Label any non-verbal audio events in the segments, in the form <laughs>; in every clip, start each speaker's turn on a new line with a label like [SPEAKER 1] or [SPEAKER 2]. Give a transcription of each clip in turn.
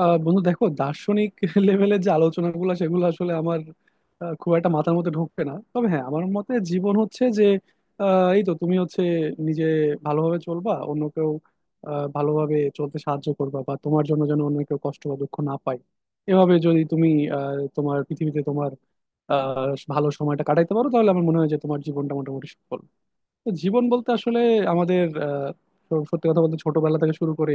[SPEAKER 1] বন্ধু, দেখো, দার্শনিক <laughs> লেভেলের যে আলোচনাগুলো সেগুলো আসলে আমার খুব একটা মাথার মধ্যে ঢোকে না। তবে হ্যাঁ, আমার মতে জীবন হচ্ছে যে এই তো, তুমি হচ্ছে নিজে ভালোভাবে চলবা, অন্য কেউ ভালোভাবে চলতে সাহায্য করবা, বা তোমার জন্য যেন অন্য কেউ কষ্ট বা দুঃখ না পায়। এভাবে যদি তুমি তোমার পৃথিবীতে তোমার ভালো সময়টা কাটাইতে পারো, তাহলে আমার মনে হয় যে তোমার জীবনটা মোটামুটি সফল। তো জীবন বলতে আসলে আমাদের সত্যি কথা বলতে, ছোটবেলা থেকে শুরু করে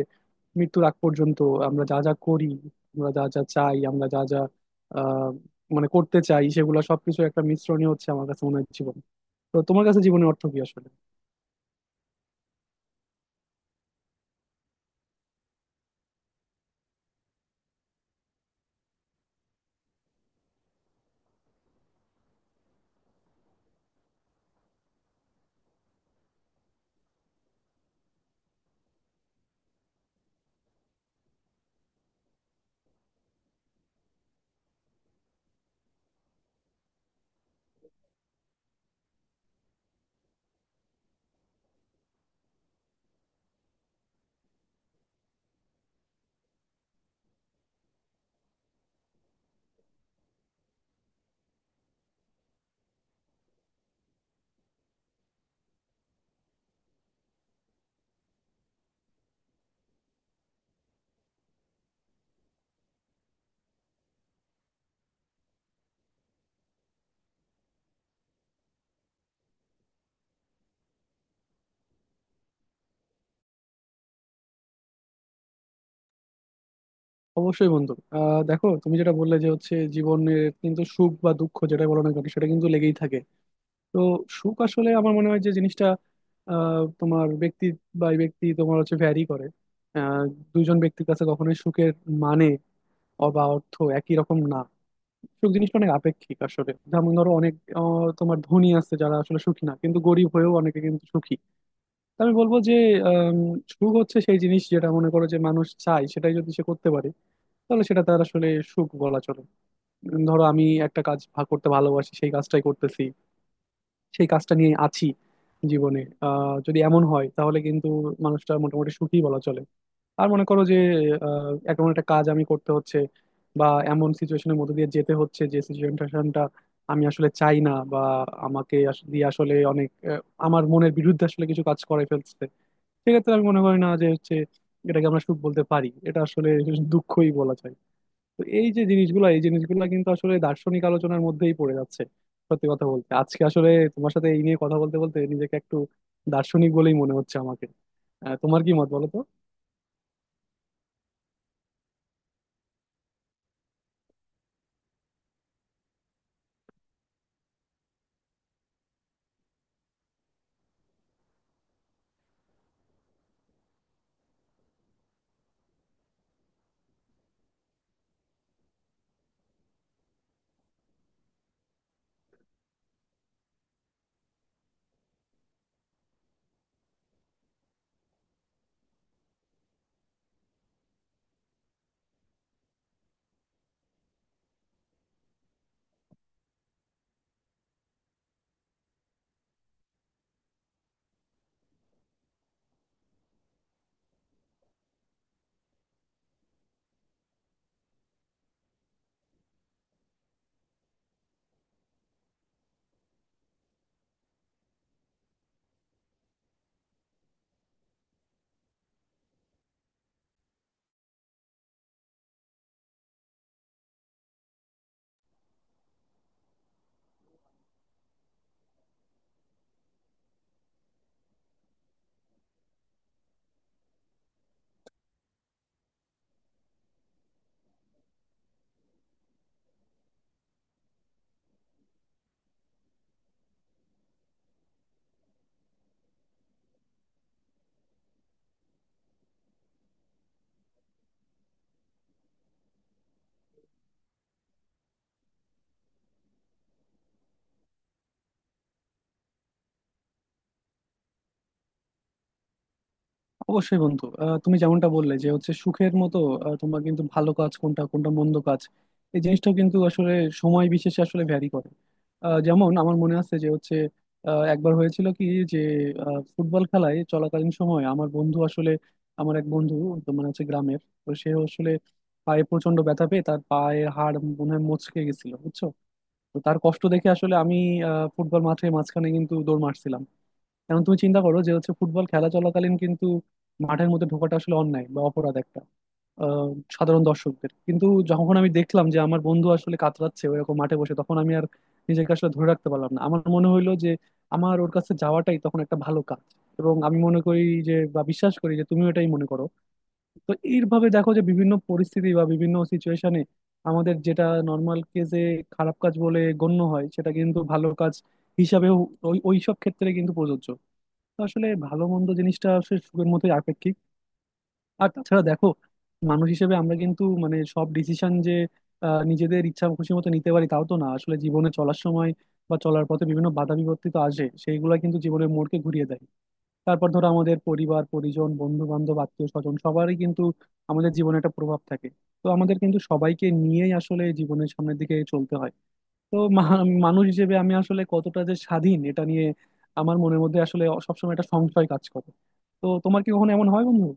[SPEAKER 1] মৃত্যুর আগ পর্যন্ত আমরা যা যা করি, আমরা যা যা চাই, আমরা যা যা আহ, মানে করতে চাই, সেগুলো সবকিছু একটা মিশ্রণই হচ্ছে আমার কাছে মনে হয় জীবন। তো তোমার কাছে জীবনের অর্থ কি আসলে? অবশ্যই বন্ধু, দেখো, তুমি যেটা বললে যে হচ্ছে জীবনের কিন্তু সুখ বা দুঃখ যেটা বলো না কেন, সেটা কিন্তু লেগেই থাকে। তো সুখ আসলে আমার মনে হয় যে জিনিসটা তোমার ব্যক্তি বাই ব্যক্তি তোমার হচ্ছে ভ্যারি করে। আহ, দুজন ব্যক্তির কাছে কখনোই সুখের মানে অর্থ একই রকম না। সুখ জিনিসটা অনেক আপেক্ষিক আসলে। যেমন ধরো, অনেক তোমার ধনী আছে যারা আসলে সুখী না, কিন্তু গরিব হয়েও অনেকে কিন্তু সুখী। তা আমি বলবো যে আম, সুখ হচ্ছে সেই জিনিস যেটা মনে করো যে মানুষ চায়, সেটাই যদি সে করতে পারে, তাহলে সেটা তার আসলে সুখ বলা চলে। ধরো আমি একটা কাজ করতে ভালোবাসি, সেই কাজটাই করতেছি, সেই কাজটা নিয়ে আছি জীবনে। যদি এমন হয়, তাহলে কিন্তু মানুষটা মোটামুটি সুখী বলা চলে। আর মনে করো যে এমন একটা কাজ আমি করতে হচ্ছে, বা এমন সিচুয়েশনের মধ্যে দিয়ে যেতে হচ্ছে যে সিচুয়েশনটা আমি আসলে চাই না, বা দিয়ে আসলে অনেক আমার মনের বিরুদ্ধে আসলে কিছু কাজ করে ফেলছে। সেক্ষেত্রে আমি মনে করি না যে হচ্ছে এটাকে আমরা সুখ বলতে পারি, এটা আসলে <laughs> দুঃখই বলা যায়। তো এই যে জিনিসগুলো, এই জিনিসগুলো কিন্তু আসলে দার্শনিক আলোচনার মধ্যেই পড়ে যাচ্ছে। সত্যি কথা বলতে, আজকে আসলে তোমার সাথে এই নিয়ে কথা বলতে বলতে নিজেকে একটু দার্শনিক বলেই মনে হচ্ছে আমাকে। তোমার কি মত বলো তো? অবশ্যই বন্ধু, তুমি যেমনটা বললে যে হচ্ছে সুখের মতো তোমার কিন্তু ভালো কাজ কোনটা, কোনটা মন্দ কাজ, এই জিনিসটাও কিন্তু আসলে সময় বিশেষে আসলে ভ্যারি করে। যেমন আমার মনে আছে যে হচ্ছে একবার হয়েছিল কি যে ফুটবল খেলায় চলাকালীন সময় আমার বন্ধু আসলে, আমার এক বন্ধু, তো মানে হচ্ছে গ্রামের, তো সে আসলে পায়ে প্রচন্ড ব্যথা পেয়ে তার পায়ের হাড় মনে হয় মচকে গেছিল, বুঝছো? তো তার কষ্ট দেখে আসলে আমি ফুটবল মাঠের মাঝখানে কিন্তু দৌড় মারছিলাম। এখন তুমি চিন্তা করো যে হচ্ছে ফুটবল খেলা চলাকালীন কিন্তু মাঠের মধ্যে ঢোকাটা আসলে অন্যায় বা অপরাধ একটা আহ, সাধারণ দর্শকদের কিন্তু। যখন আমি দেখলাম যে আমার বন্ধু আসলে কাতরাচ্ছে ওইরকম মাঠে বসে, তখন আমি আর নিজেকে আসলে ধরে রাখতে পারলাম না। আমার মনে হইলো যে আমার ওর কাছে যাওয়াটাই তখন একটা ভালো কাজ, এবং আমি মনে করি যে, বা বিশ্বাস করি যে, তুমিও এটাই মনে করো। তো এইভাবে দেখো, যে বিভিন্ন পরিস্থিতি বা বিভিন্ন সিচুয়েশনে আমাদের যেটা নর্মাল কেসে খারাপ কাজ বলে গণ্য হয়, সেটা কিন্তু ভালো কাজ হিসাবেও ওইসব ক্ষেত্রে কিন্তু প্রযোজ্য। তো আসলে ভালো মন্দ জিনিসটা আসলে সুখের মতোই আপেক্ষিক। আর তাছাড়া দেখো, মানুষ হিসেবে আমরা কিন্তু মানে সব ডিসিশন যে নিজেদের ইচ্ছা খুশি মতো নিতে পারি, তাও তো না আসলে। জীবনে চলার সময়, বা চলার পথে বিভিন্ন বাধা বিপত্তি তো আসে, সেইগুলা কিন্তু জীবনের মোড়কে ঘুরিয়ে দেয়। তারপর ধরো আমাদের পরিবার পরিজন, বন্ধু বান্ধব, আত্মীয় স্বজন সবারই কিন্তু আমাদের জীবনে একটা প্রভাব থাকে। তো আমাদের কিন্তু সবাইকে নিয়েই আসলে জীবনের সামনের দিকে চলতে হয়। তো মানুষ হিসেবে আমি আসলে কতটা যে স্বাধীন, এটা নিয়ে আমার মনের মধ্যে আসলে সবসময় একটা সংশয় কাজ করে। তো তোমার কি কখনো এমন হয়, বন্ধু?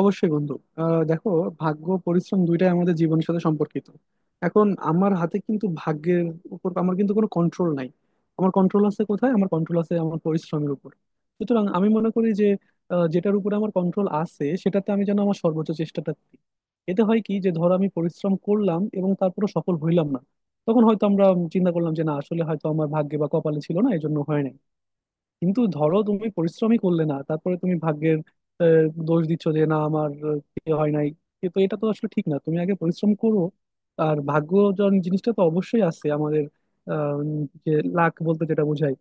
[SPEAKER 1] অবশ্যই বন্ধু, দেখো, ভাগ্য পরিশ্রম দুইটাই আমাদের জীবনের সাথে সম্পর্কিত। এখন আমার হাতে কিন্তু ভাগ্যের উপর আমার কিন্তু কোনো কন্ট্রোল নাই। আমার কন্ট্রোল আছে কোথায়? আমার কন্ট্রোল আছে আমার পরিশ্রমের উপর। সুতরাং আমি মনে করি যে যেটার উপরে আমার কন্ট্রোল আছে, সেটাতে আমি যেন আমার সর্বোচ্চ চেষ্টাটা দিই। এতে হয় কি, যে ধরো আমি পরিশ্রম করলাম এবং তারপরে সফল হইলাম না, তখন হয়তো আমরা চিন্তা করলাম যে না, আসলে হয়তো আমার ভাগ্যে বা কপালে ছিল না, এই জন্য হয় নাই। কিন্তু ধরো তুমি পরিশ্রমই করলে না, তারপরে তুমি ভাগ্যের দোষ দিচ্ছ যে না, আমার ইয়ে হয় নাই। কিন্তু এটা তো আসলে ঠিক না। তুমি আগে পরিশ্রম করো। আর ভাগ্য জিনিসটা তো অবশ্যই আছে আমাদের। আহ, যে লাক বলতে যেটা বোঝায়,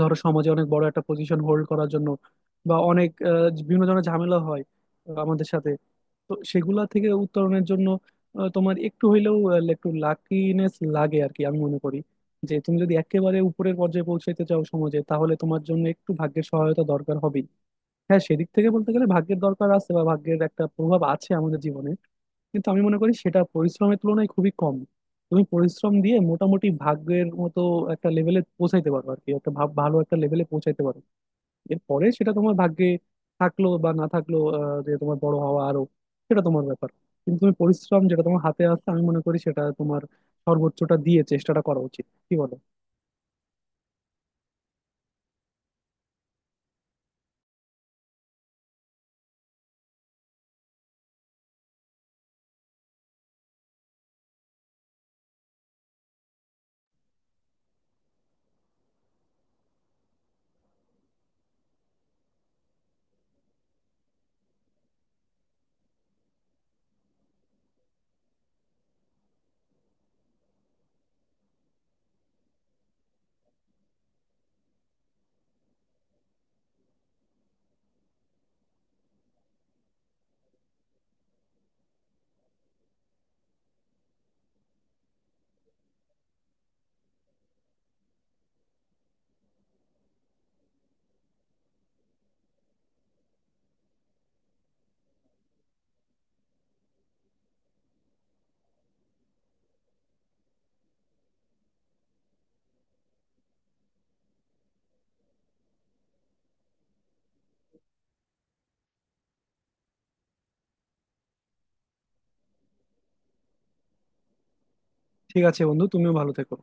[SPEAKER 1] ধরো সমাজে অনেক বড় একটা পজিশন হোল্ড করার জন্য, বা অনেক বিভিন্ন ধরনের ঝামেলা হয় আমাদের সাথে, তো সেগুলা থেকে উত্তরণের জন্য তোমার একটু হইলেও একটু লাকিনেস লাগে আর কি। আমি মনে করি যে তুমি যদি একেবারে উপরের পর্যায়ে পৌঁছাইতে চাও সমাজে, তাহলে তোমার জন্য একটু ভাগ্যের সহায়তা দরকার হবেই। হ্যাঁ, সেদিক থেকে বলতে গেলে ভাগ্যের দরকার আছে, বা ভাগ্যের একটা প্রভাব আছে আমাদের জীবনে। কিন্তু আমি মনে করি সেটা পরিশ্রমের তুলনায় খুবই কম। তুমি পরিশ্রম দিয়ে মোটামুটি ভাগ্যের মতো একটা লেভেলে পৌঁছাইতে পারো আর কি, একটা ভালো একটা লেভেলে পৌঁছাইতে পারো। এরপরে সেটা তোমার ভাগ্যে থাকলো বা না থাকলো যে তোমার বড় হওয়া আরো, সেটা তোমার ব্যাপার। কিন্তু তুমি পরিশ্রম, যেটা তোমার হাতে আসছে, আমি মনে করি সেটা তোমার সর্বোচ্চটা দিয়ে চেষ্টাটা করা উচিত। কি বলো? ঠিক আছে বন্ধু, তুমিও ভালো থেকো।